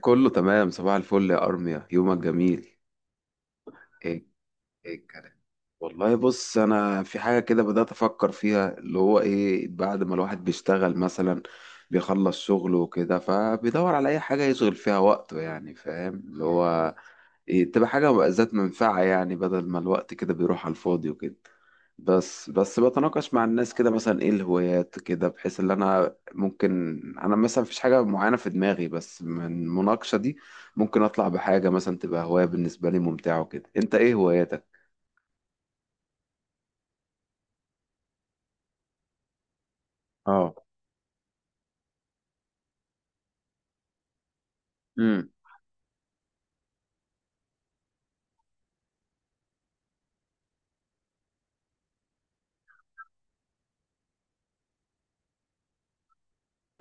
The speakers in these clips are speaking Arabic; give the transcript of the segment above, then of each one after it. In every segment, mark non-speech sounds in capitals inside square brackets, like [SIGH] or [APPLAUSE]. كله تمام صباح الفل يا أرميا، يومك جميل. ايه ايه الكلام؟ والله بص، أنا في حاجة كده بدأت أفكر فيها، اللي هو إيه، بعد ما الواحد بيشتغل مثلا بيخلص شغله وكده، فبيدور على أي حاجة يشغل فيها وقته، يعني فاهم اللي هو إيه، تبقى حاجة بقى ذات منفعة، يعني بدل ما الوقت كده بيروح على الفاضي وكده. بس بتناقش مع الناس كده مثلا ايه الهوايات كده، بحيث ان انا ممكن انا مثلا مفيش حاجة معينة في دماغي، بس من المناقشة دي ممكن اطلع بحاجة مثلا تبقى هواية بالنسبة لي ممتعة وكده. انت ايه هواياتك؟ اه. امم.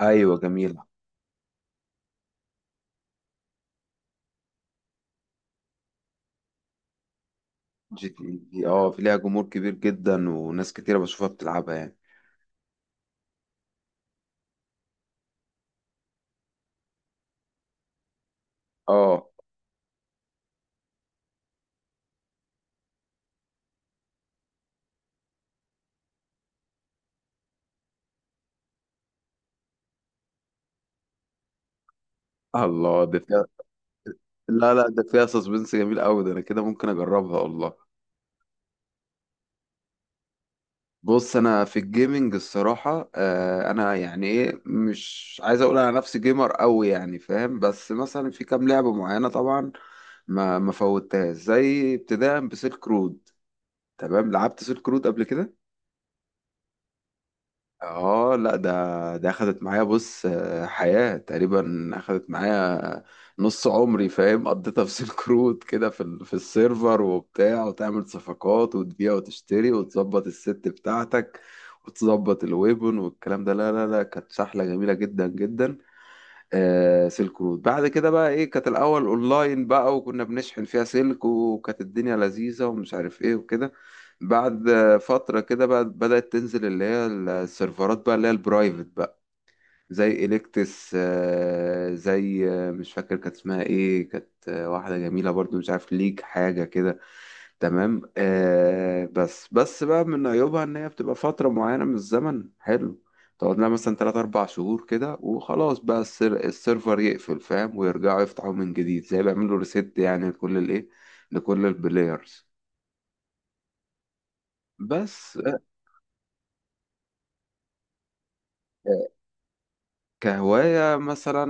ايوه جميلة. جي تي اي دي، اه، في ليها جمهور كبير جدا وناس كتيرة بشوفها بتلعبها يعني. اه. الله، ده فيها. لا لا، ده فيها سسبنس جميل قوي، ده انا كده ممكن اجربها والله. بص انا في الجيمنج الصراحه، انا يعني ايه، مش عايز اقول انا نفسي جيمر قوي يعني فاهم، بس مثلا في كام لعبه معينه طبعا ما فوتهاش، زي ابتداء بسيلك رود. تمام، لعبت سيلك رود قبل كده. اه لا، ده اخدت معايا بص، حياة تقريبا اخدت معايا نص عمري فاهم، قضيتها في سيلك رود كده، في في السيرفر وبتاع، وتعمل صفقات وتبيع وتشتري وتظبط الست بتاعتك وتظبط الويبن والكلام ده. لا لا لا، كانت سحلة جميلة جدا جدا. سلك رود بعد كده بقى ايه، كانت الاول اونلاين بقى، وكنا بنشحن فيها سلك، وكانت الدنيا لذيذة ومش عارف ايه وكده. بعد فترة كده بقى بدأت تنزل اللي هي السيرفرات بقى، اللي هي البرايفت، زي إليكتس، زي مش فاكر كانت اسمها ايه، كانت واحدة جميلة برضو، مش عارف ليج حاجة كده. تمام. بس بقى من عيوبها ان هي بتبقى فترة معينة من الزمن، حلو، تقعد لها مثلا 3 4 شهور كده، وخلاص بقى السيرفر يقفل فاهم، ويرجعوا يفتحوا من جديد، زي بيعملوا ريست يعني لكل الايه، لكل البلايرز. بس. آه، كهواية مثلا،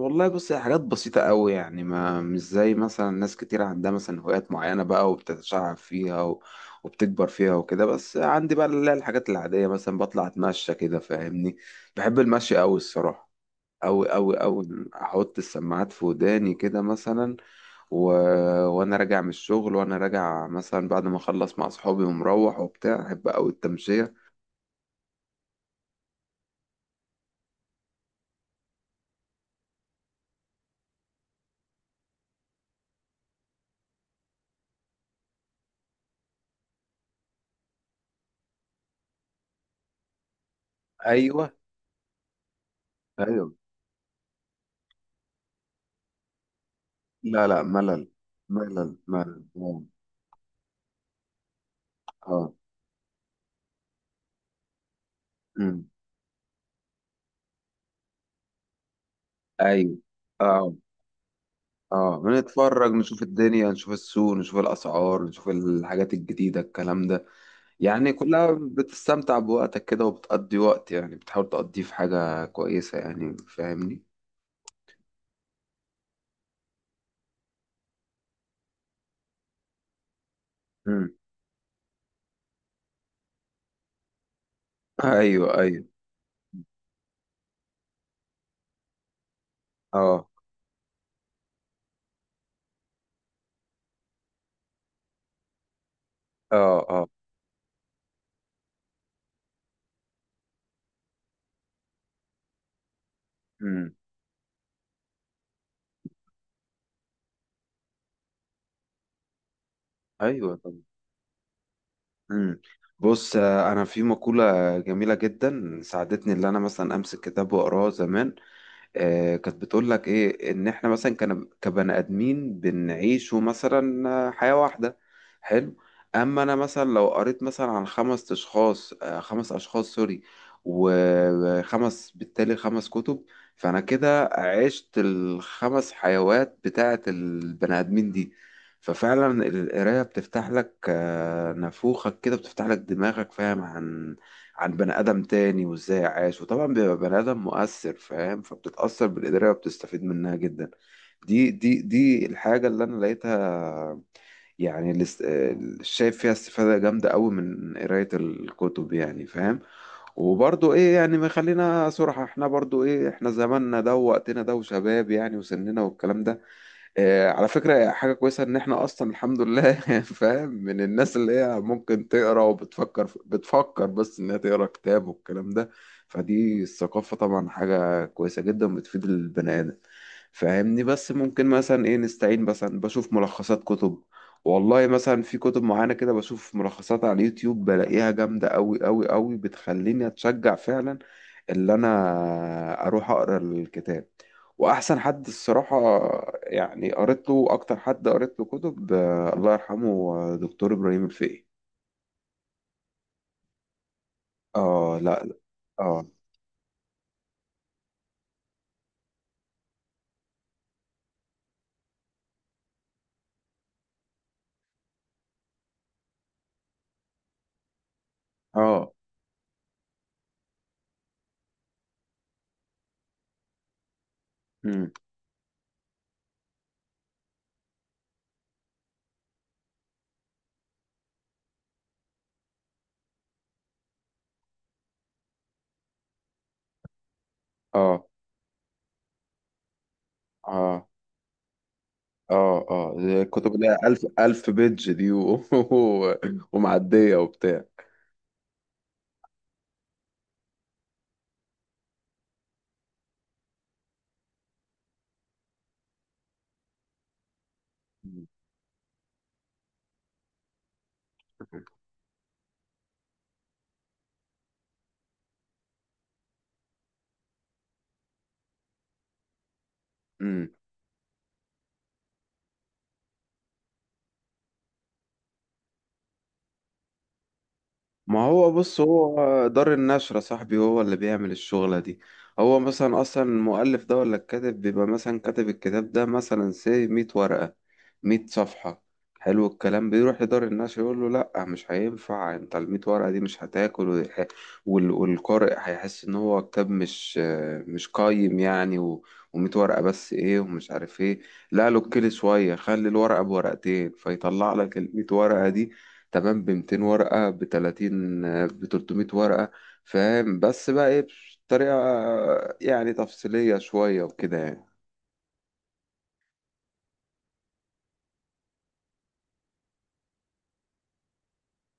والله بص، هي حاجات بسيطة قوي يعني، ما مش زي مثلا ناس كتير عندها مثلا هوايات معينة بقى وبتتشعب فيها و... وبتكبر فيها وكده، بس عندي بقى اللي هي الحاجات العادية. مثلا بطلع أتمشى كده فاهمني، بحب المشي قوي الصراحة، أوي أوي أوي. أحط السماعات في وداني كده مثلا و... وأنا راجع من الشغل، وأنا راجع مثلا بعد ما أخلص مع أصحابي ومروح وبتاع، أحب أوي التمشية. أيوه. أيوه. لا لا، ملل، ملل، ملل. اه. امم. ايوه. اه، اه، بنتفرج، نشوف الدنيا، نشوف السوق، نشوف الاسعار، نشوف الحاجات الجديده، الكلام ده يعني، كلها بتستمتع بوقتك كده، وبتقضي وقت يعني، بتحاول تقضيه في حاجه كويسه يعني فاهمني. امم. ايوه. ايوه. اه. اه. اه. امم. ايوه طبعا. امم. بص، انا في مقوله جميله جدا ساعدتني اللي انا مثلا امسك كتاب واقراه زمان، كانت بتقول لك ايه، ان احنا مثلا كان كبني ادمين بنعيشوا مثلا حياة واحدة. حلو. اما انا مثلا لو قريت مثلا عن خمس اشخاص، خمس اشخاص، سوري، وخمس بالتالي خمس كتب، فانا كده عشت الخمس حيوات بتاعة البني ادمين دي. ففعلا القراية بتفتح لك نافوخك كده، بتفتح لك دماغك فاهم، عن عن بني آدم تاني وازاي عاش، وطبعا بيبقى بني آدم مؤثر فاهم، فبتتأثر بالقراية وبتستفيد منها جدا. دي الحاجة اللي أنا لقيتها، يعني اللي اللي شايف فيها استفادة جامدة أوي من قراية الكتب يعني فاهم. وبرضو إيه، يعني ما خلينا صراحة، إحنا برضو إيه، إحنا زماننا ده ووقتنا ده وشباب يعني وسننا والكلام ده، على فكرة حاجة كويسة إن إحنا أصلا الحمد لله [LAUGHS] فاهم، من الناس اللي هي ممكن تقرا وبتفكر بتفكر بس إنها تقرا كتاب والكلام ده. فدي الثقافة طبعا حاجة كويسة جدا بتفيد البني آدم فاهمني. بس ممكن مثلا إيه نستعين مثلا بشوف ملخصات كتب. والله مثلا في كتب معينة كده بشوف ملخصات على اليوتيوب بلاقيها جامدة أوي أوي أوي، بتخليني أتشجع فعلا اللي انا اروح اقرا الكتاب. واحسن حد الصراحه يعني قريت له، اكتر حد قريت له كتب، الله يرحمه، دكتور ابراهيم الفقي. اه لا لا. اه. اه. مم. اه. اه. اه. اه، دي الكتب اللي هي ألف ألف بيدج دي و... [LAUGHS] ومعدية وبتاع. مم. ما هو بص، هو دار النشر يا صاحبي هو اللي بيعمل الشغلة دي. هو مثلا أصلا المؤلف ده ولا الكاتب بيبقى مثلا كاتب الكتاب ده مثلا سي مية ورقة، مية صفحة، حلو، الكلام بيروح لدار النشر يقول له لأ مش هينفع، انت المية ورقة دي مش هتاكل، والقارئ هيحس إن هو كتاب مش قايم يعني و... ومية ورقة بس إيه، ومش عارف إيه، لا له كل شوية، خلي الورقة بورقتين، فيطلع لك المية ورقة دي تمام، ب 200 ورقة، ب 30، ب 300 ورقة فاهم، بس بقى ايه، بطريقة يعني تفصيلية شوية وكده يعني.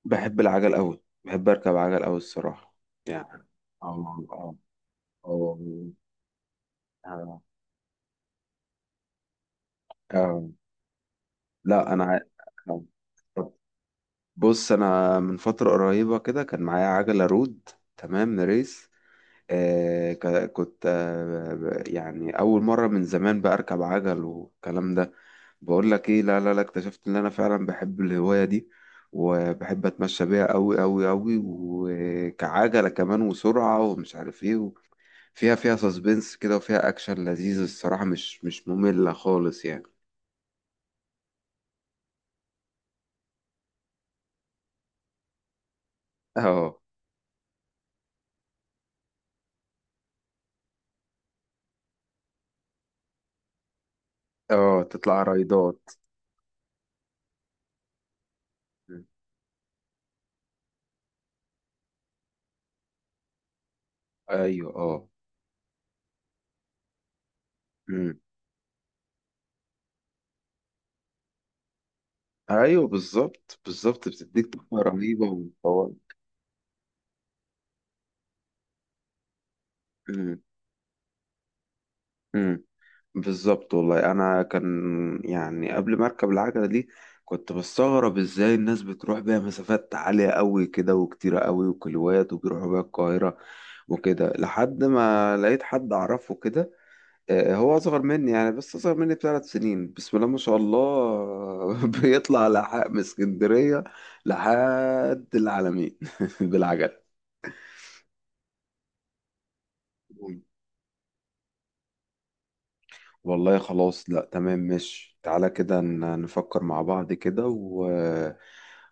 بحب العجل أوي، بحب أركب عجل أوي الصراحة يعني. اه. اه. اه. آه، آه. لا أنا آه. بص، أنا من فترة قريبة كده كان معايا عجلة رود، تمام، ريس، كنت يعني أول مرة من زمان بقى أركب عجل والكلام ده، بقول لك إيه، لا لا لا، اكتشفت إن أنا فعلا بحب الهواية دي، وبحب أتمشى بيها أوي أوي أوي، وكعجلة كمان وسرعة ومش عارف إيه، فيها فيها سسبنس كده وفيها أكشن لذيذ الصراحة، مش مملة خالص يعني. اه. اه تطلع رايدات. مم. ايوه. اه. أمم. ايوه بالظبط بالظبط، بتديك طاقة رهيبة ومطورة. امم. بالظبط والله، انا كان يعني قبل ما اركب العجله دي كنت بستغرب ازاي الناس بتروح بيها مسافات عاليه قوي كده وكتيره قوي وكيلوات، وبيروحوا بيها القاهره وكده، لحد ما لقيت حد اعرفه كده، هو اصغر مني يعني، بس اصغر مني ب3 سنين، بسم الله ما شاء الله [LAUGHS] بيطلع لحق من اسكندريه لحد العلمين [LAUGHS] بالعجله. والله خلاص، لا تمام ماشي، تعالى كده نفكر مع بعض كده و...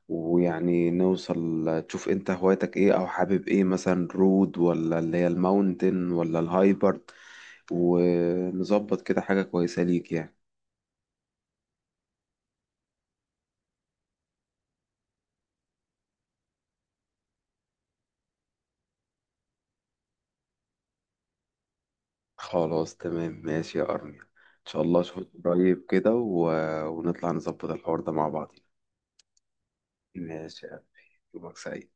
ويعني نوصل، تشوف انت هوايتك ايه، او حابب ايه، مثلا رود ولا اللي هي الماونتن ولا الهايبرد، ونظبط كده حاجة كويسة ليك يعني. خلاص تمام ماشي يا أرميا، ان شاء الله اشوفك [LAUGHS] قريب كده و... ونطلع نظبط الحوار ده مع بعض. ماشي يا قلبي. يومك سعيد.